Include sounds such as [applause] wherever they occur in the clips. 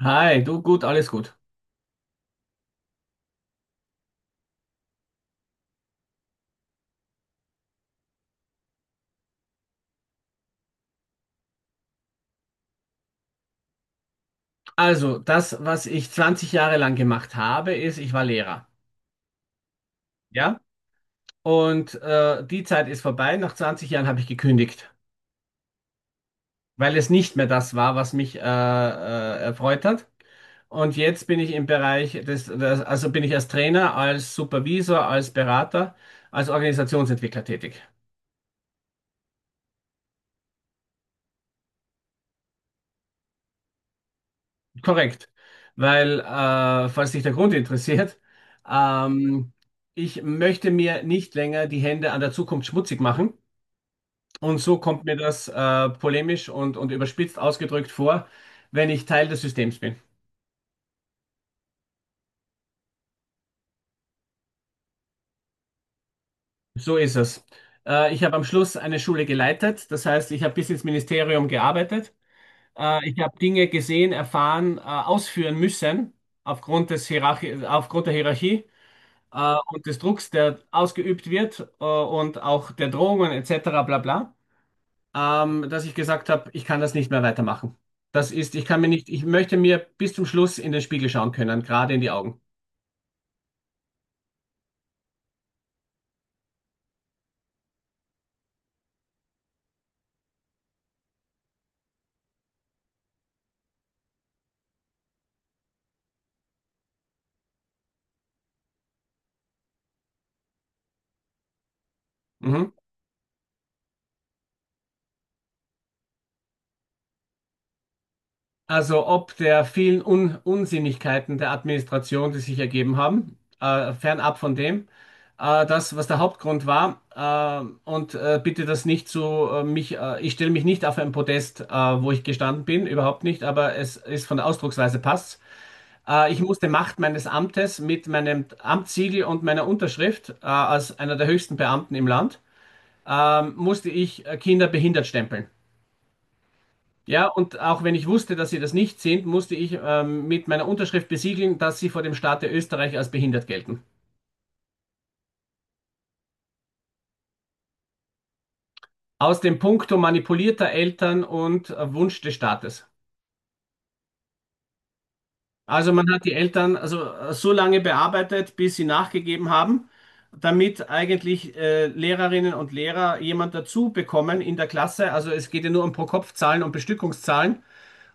Hi, du gut, alles gut. Also, das, was ich 20 Jahre lang gemacht habe, ist, ich war Lehrer. Ja? Und die Zeit ist vorbei. Nach 20 Jahren habe ich gekündigt, weil es nicht mehr das war, was mich erfreut hat. Und jetzt bin ich im Bereich also bin ich als Trainer, als Supervisor, als Berater, als Organisationsentwickler tätig. Korrekt. Weil, falls dich der Grund interessiert, ähm, ich möchte mir nicht länger die Hände an der Zukunft schmutzig machen. Und so kommt mir das polemisch und überspitzt ausgedrückt vor, wenn ich Teil des Systems bin. So ist es. Ich habe am Schluss eine Schule geleitet, das heißt, ich habe bis ins Ministerium gearbeitet. Ich habe Dinge gesehen, erfahren, ausführen müssen aufgrund der Hierarchie, und des Drucks, der ausgeübt wird, und auch der Drohungen etc., bla bla, dass ich gesagt habe, ich kann das nicht mehr weitermachen. Das ist, ich kann mir nicht, ich möchte mir bis zum Schluss in den Spiegel schauen können, gerade in die Augen. Mhm. Also ob der vielen Un Unsinnigkeiten der Administration, die sich ergeben haben, fernab von dem, das, was der Hauptgrund war, und bitte das nicht so, mich, ich stelle mich nicht auf ein Podest, wo ich gestanden bin, überhaupt nicht, aber es ist von der Ausdrucksweise passt. Ich musste Macht meines Amtes mit meinem Amtssiegel und meiner Unterschrift, als einer der höchsten Beamten im Land, musste ich Kinder behindert stempeln. Ja, und auch wenn ich wusste, dass sie das nicht sind, musste ich mit meiner Unterschrift besiegeln, dass sie vor dem Staate Österreich als behindert gelten. Aus dem Punkto manipulierter Eltern und Wunsch des Staates. Also man hat die Eltern, also so lange bearbeitet, bis sie nachgegeben haben, damit eigentlich Lehrerinnen und Lehrer jemand dazu bekommen in der Klasse. Also es geht ja nur um Pro-Kopf-Zahlen und Bestückungszahlen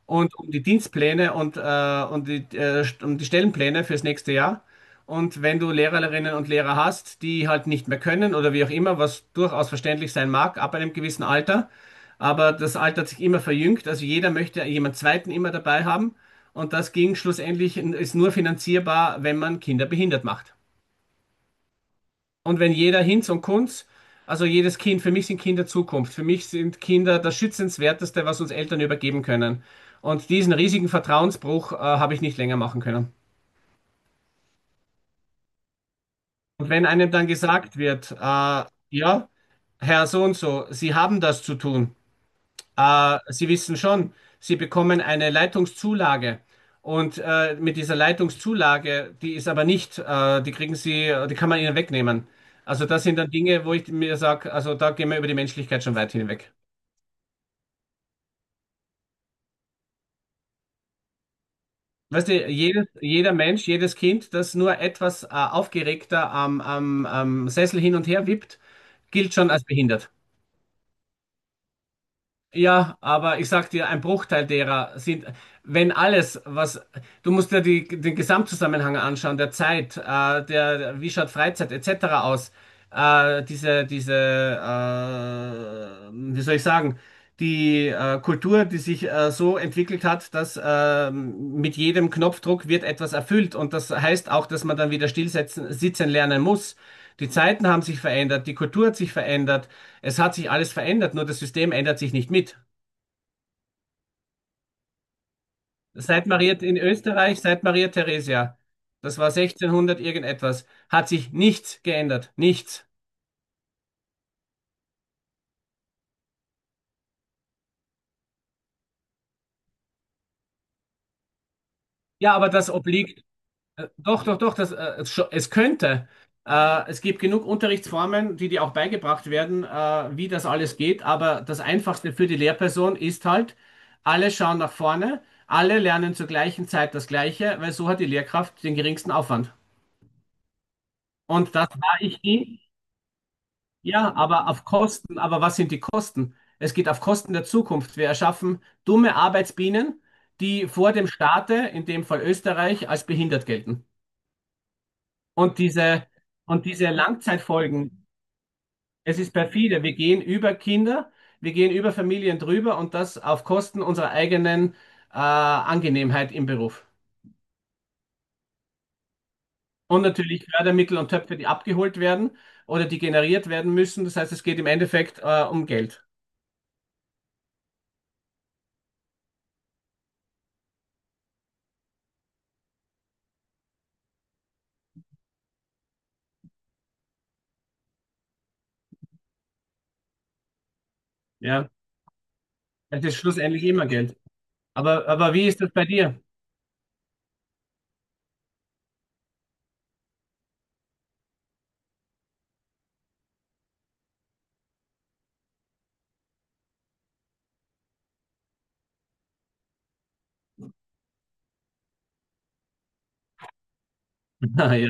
und um die Dienstpläne und um die Stellenpläne fürs nächste Jahr. Und wenn du Lehrerinnen und Lehrer hast, die halt nicht mehr können oder wie auch immer, was durchaus verständlich sein mag, ab einem gewissen Alter, aber das Alter hat sich immer verjüngt, also jeder möchte jemand Zweiten immer dabei haben, und das ging schlussendlich, ist nur finanzierbar, wenn man Kinder behindert macht. Und wenn jeder Hinz und Kunz, also jedes Kind, für mich sind Kinder Zukunft. Für mich sind Kinder das Schützenswerteste, was uns Eltern übergeben können. Und diesen riesigen Vertrauensbruch, habe ich nicht länger machen können. Und wenn einem dann gesagt wird, ja, Herr so und so, Sie haben das zu tun. Sie wissen schon, Sie bekommen eine Leitungszulage. Und mit dieser Leitungszulage, die ist aber nicht, die kriegen Sie, die kann man Ihnen wegnehmen. Also das sind dann Dinge, wo ich mir sage, also da gehen wir über die Menschlichkeit schon weit hinweg. Weißt du, jedes, jeder Mensch, jedes Kind, das nur etwas aufgeregter am Sessel hin und her wippt, gilt schon als behindert. Ja, aber ich sag dir, ein Bruchteil derer sind, wenn alles, was, du musst dir die, den Gesamtzusammenhang anschauen, der Zeit, der, wie schaut Freizeit etc. aus, diese, wie soll ich sagen, die Kultur, die sich so entwickelt hat, dass mit jedem Knopfdruck wird etwas erfüllt, und das heißt auch, dass man dann wieder stillsetzen, sitzen lernen muss. Die Zeiten haben sich verändert, die Kultur hat sich verändert. Es hat sich alles verändert, nur das System ändert sich nicht mit. Seit Maria in Österreich, seit Maria Theresia, das war 1600 irgendetwas, hat sich nichts geändert. Nichts. Ja, aber das obliegt, doch, doch, doch, es könnte. Es gibt genug Unterrichtsformen, die dir auch beigebracht werden, wie das alles geht, aber das Einfachste für die Lehrperson ist halt, alle schauen nach vorne, alle lernen zur gleichen Zeit das Gleiche, weil so hat die Lehrkraft den geringsten Aufwand. Und das war ich nie. Ja, aber auf Kosten, aber was sind die Kosten? Es geht auf Kosten der Zukunft. Wir erschaffen dumme Arbeitsbienen, die vor dem Staate, in dem Fall Österreich, als behindert gelten. Und diese, und diese Langzeitfolgen, es ist perfide. Wir gehen über Kinder, wir gehen über Familien drüber und das auf Kosten unserer eigenen Angenehmheit im Beruf. Und natürlich Fördermittel und Töpfe, die abgeholt werden oder die generiert werden müssen. Das heißt, es geht im Endeffekt um Geld. Ja, es ist schlussendlich immer Geld. Aber wie ist das bei dir? [laughs] Ah, ja.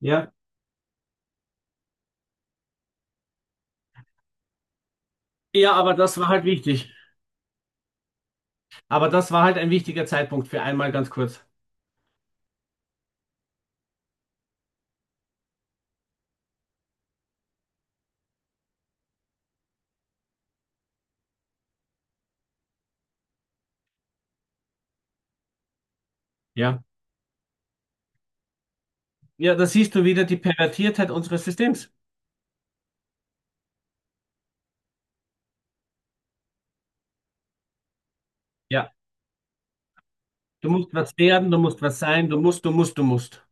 Ja. Ja, aber das war halt wichtig. Aber das war halt ein wichtiger Zeitpunkt für einmal ganz kurz. Ja. Ja, da siehst du wieder die Pervertiertheit unseres Systems. Ja. Du musst was werden, du musst was sein, du musst, du musst, du musst.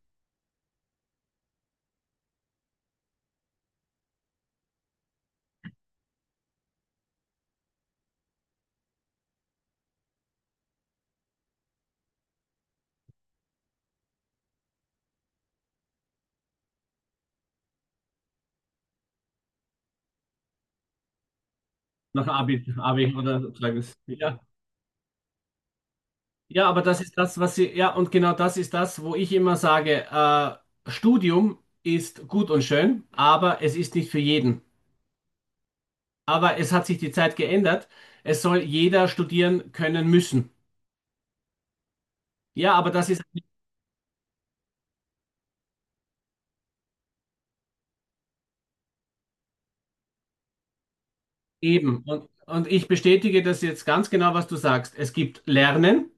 Nach Abi, Abi oder sozusagen. Ja. Ja, aber das ist das, was sie, ja, und genau das ist das, wo ich immer sage, Studium ist gut und schön, aber es ist nicht für jeden. Aber es hat sich die Zeit geändert. Es soll jeder studieren können müssen. Ja, aber das ist halt eben. Und ich bestätige das jetzt ganz genau, was du sagst. Es gibt Lernen,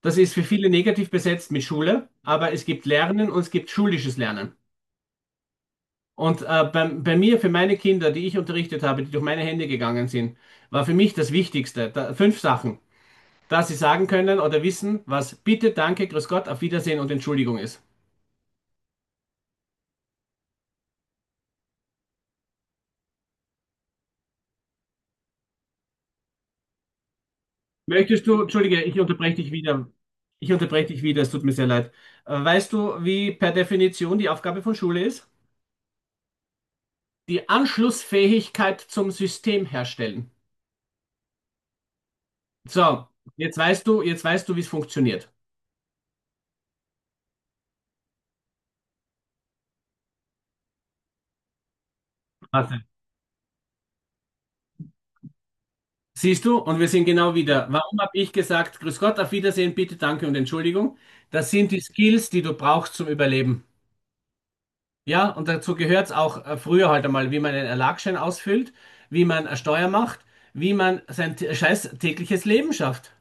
das ist für viele negativ besetzt mit Schule, aber es gibt Lernen und es gibt schulisches Lernen. Und bei mir, für meine Kinder, die ich unterrichtet habe, die durch meine Hände gegangen sind, war für mich das Wichtigste, da, 5 Sachen, dass sie sagen können oder wissen, was bitte, danke, grüß Gott, auf Wiedersehen und Entschuldigung ist. Möchtest du, entschuldige, ich unterbreche dich wieder. Ich unterbreche dich wieder, es tut mir sehr leid. Weißt du, wie per Definition die Aufgabe von Schule ist? Die Anschlussfähigkeit zum System herstellen. So, jetzt weißt du, wie es funktioniert. Warte. Siehst du, und wir sind genau wieder. Warum habe ich gesagt, grüß Gott, auf Wiedersehen, bitte, danke und Entschuldigung? Das sind die Skills, die du brauchst zum Überleben. Ja, und dazu gehört es auch früher halt einmal, wie man einen Erlagschein ausfüllt, wie man eine Steuer macht, wie man sein scheiß tägliches Leben schafft.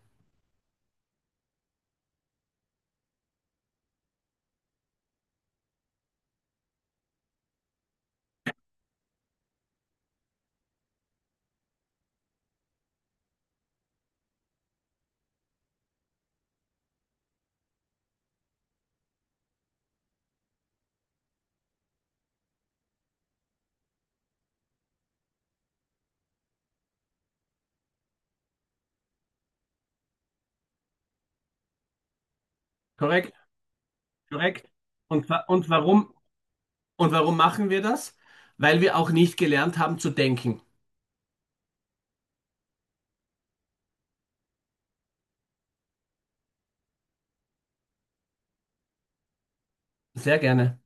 Korrekt, korrekt. Und warum machen wir das? Weil wir auch nicht gelernt haben zu denken. Sehr gerne.